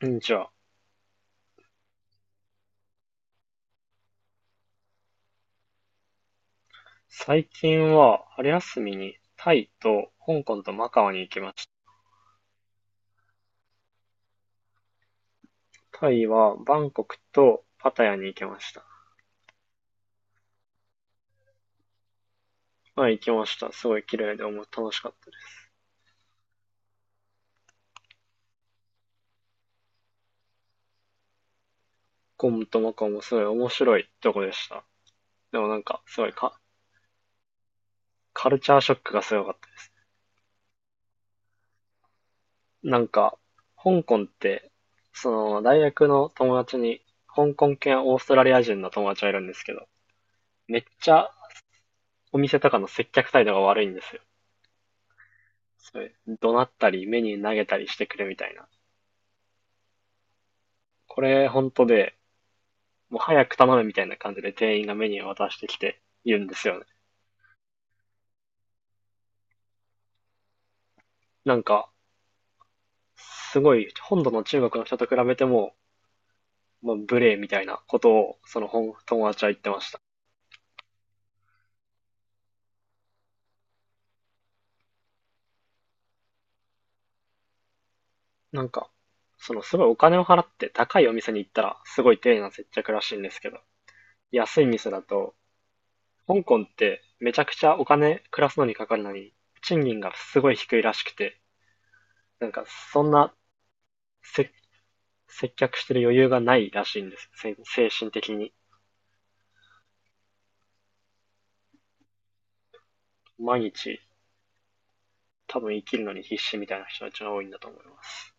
うんじゃあ、最近は春休みにタイと香港とマカオに行きました。タイはバンコクとパタヤに行きました。まあ行きました。すごい綺麗で楽しかったです。香港とマカオもすごい面白いとこでした。でもなんかすごいカルチャーショックがすごかったです。なんか、香港って、その大学の友達に香港系オーストラリア人の友達がいるんですけど、めっちゃお店とかの接客態度が悪いんですよ。それ、怒鳴ったり、メニュー投げたりしてくるみたいな。これ、本当で、もう早く頼むみたいな感じで店員がメニューを渡してきているんですよね。なんか、すごい、本土の中国の人と比べても、まあ、無礼みたいなことを、その友達は言ってました。なんか、そのすごいお金を払って高いお店に行ったら、すごい丁寧な接客らしいんですけど、安い店だと、香港ってめちゃくちゃお金暮らすのにかかるのに、賃金がすごい低いらしくて、なんかそんな接接客してる余裕がないらしいんです。精神的に。毎日、多分生きるのに必死みたいな人たちが多いんだと思います。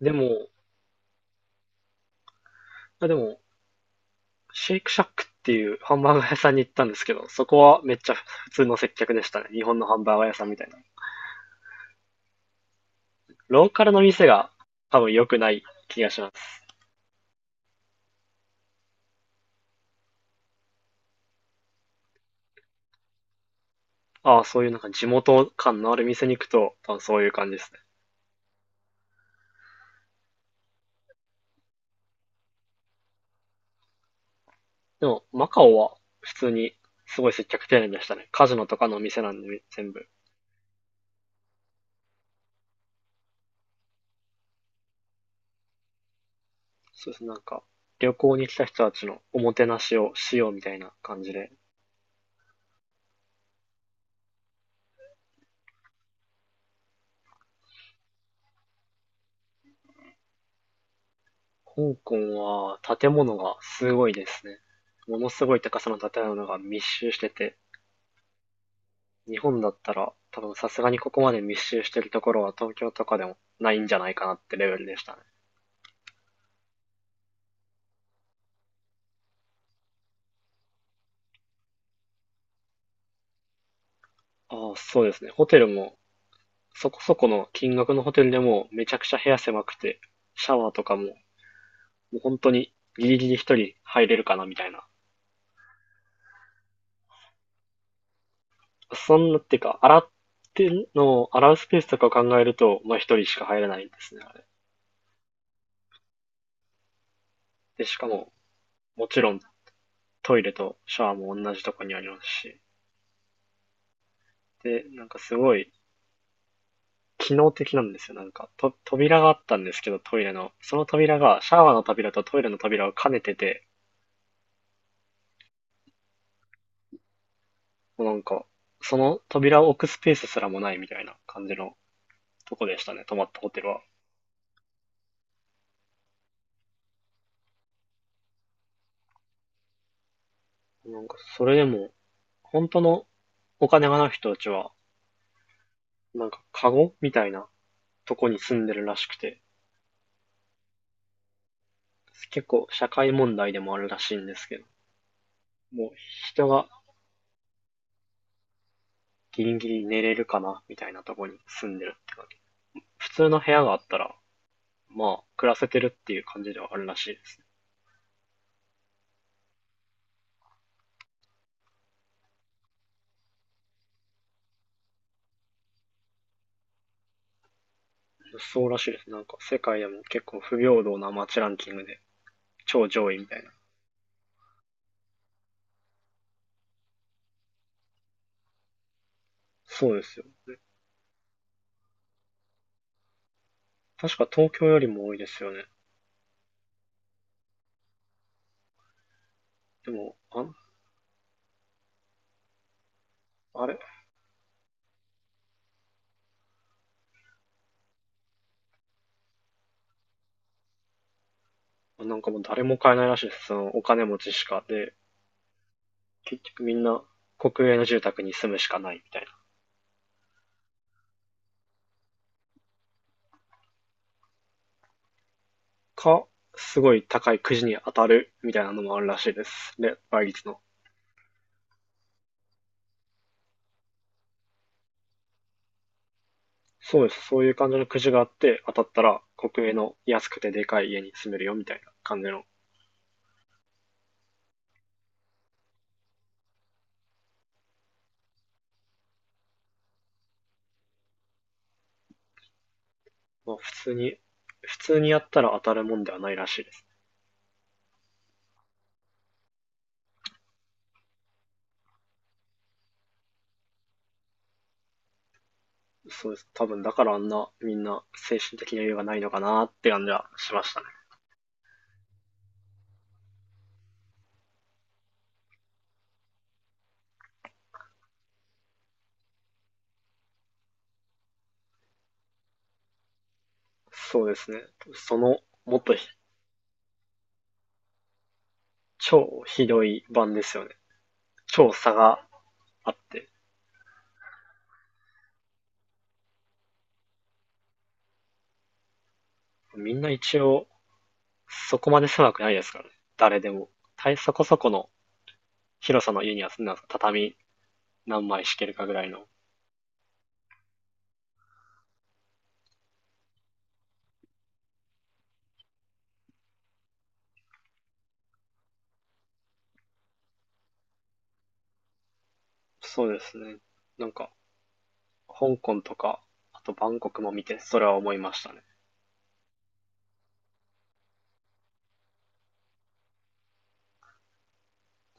でも、でも、シェイクシャックっていうハンバーガー屋さんに行ったんですけど、そこはめっちゃ普通の接客でしたね。日本のハンバーガー屋さんみたいな。ローカルの店が多分良くない気がします。ああ、そういうなんか地元感のある店に行くと、多分そういう感じですね。でも、マカオは普通にすごい接客丁寧でしたね。カジノとかの店なんで全部。そうですね、なんか、旅行に来た人たちのおもてなしをしようみたいな感じで。香港は建物がすごいですね。ものすごい高さの建物が密集してて、日本だったら多分さすがにここまで密集してるところは東京とかでもないんじゃないかなってレベルでしたね。ああ、そうですね。ホテルもそこそこの金額のホテルでもめちゃくちゃ部屋狭くて、シャワーとかももう本当にギリギリ一人入れるかなみたいな、そんなっていうか、洗ってんの洗うスペースとかを考えると、まあ一人しか入れないんですね、あれ。で、しかも、もちろんトイレとシャワーも同じとこにありますし。で、なんかすごい機能的なんですよ。なんか、扉があったんですけど、トイレの。その扉が、シャワーの扉とトイレの扉を兼ねてて、もうなんか、その扉を置くスペースすらもないみたいな感じのとこでしたね、泊まったホテルは。なんか、それでも、本当のお金がない人たちは、なんか、カゴみたいなとこに住んでるらしくて、結構社会問題でもあるらしいんですけど、もう人がギリギリ寝れるかなみたいなとこに住んでるって感じ。普通の部屋があったら、まあ、暮らせてるっていう感じではあるらしいです。そうらしいです。なんか世界でも結構不平等な街ランキングで超上位みたいな。そうですよ。確か東京よりも多いですよね。でも、あれなんかもう誰も買えないらしいです。そのお金持ちしか。で、結局みんな国営の住宅に住むしかないみたいな。か、すごい高いくじに当たるみたいなのもあるらしいです。で、倍率の。そうです。そういう感じのくじがあって、当たったら国営の安くてでかい家に住めるよみたいな感じの。まあ普通に、普通にやったら当たるもんではないらしいです。そうです。多分だからあんなみんな精神的な余裕がないのかなって感じはしましたね。そうですね。その、もっと超ひどい版ですよね。超差があって。みんな一応そこまで狭くないですからね。誰でも。そこそこの広さの家には住んだでます。畳何枚敷けるかぐらいの。そうですね。なんか、香港とか、あとバンコクも見て、それは思いましたね。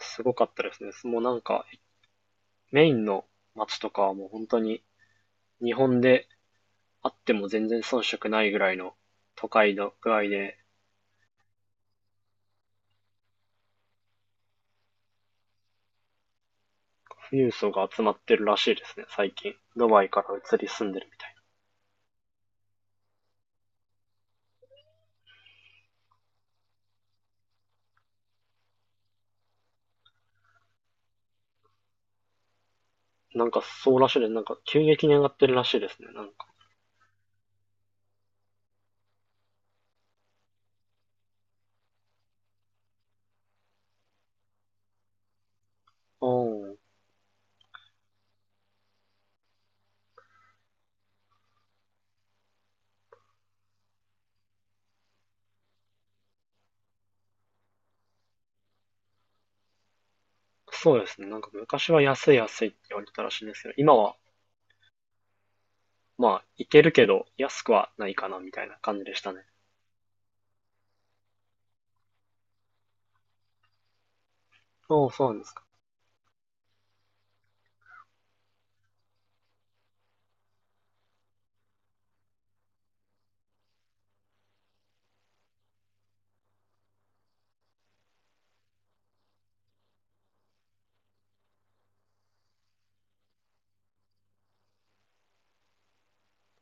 すごかったですね。もうなんか、メインの街とかはもう本当に、日本であっても全然遜色ないぐらいの都会の具合で、富裕層が集まってるらしいですね、最近。ドバイから移り住んでるみたいな。なんかそうらしいです。なんか急激に上がってるらしいですね、なんか。おー、そうですね。なんか昔は安い安いって言われてたらしいんですけど、今はまあいけるけど安くはないかなみたいな感じでしたね。そうそうなんですか。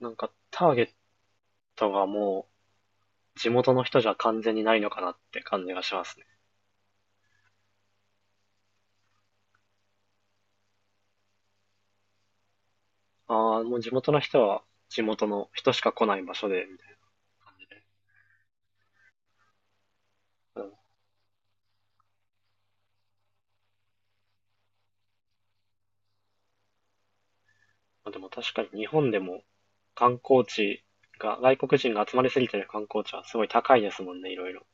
なんかターゲットがもう地元の人じゃ完全にないのかなって感じがしますね。ああ、もう地元の人は地元の人しか来ない場所でみたいな感じで。うんまあ、でも確かに日本でも観光地が、外国人が集まりすぎてる観光地はすごい高いですもんね、いろいろ。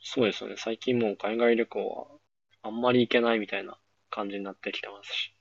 そうですよね。最近もう海外旅行はあんまり行けないみたいな感じになってきてますし。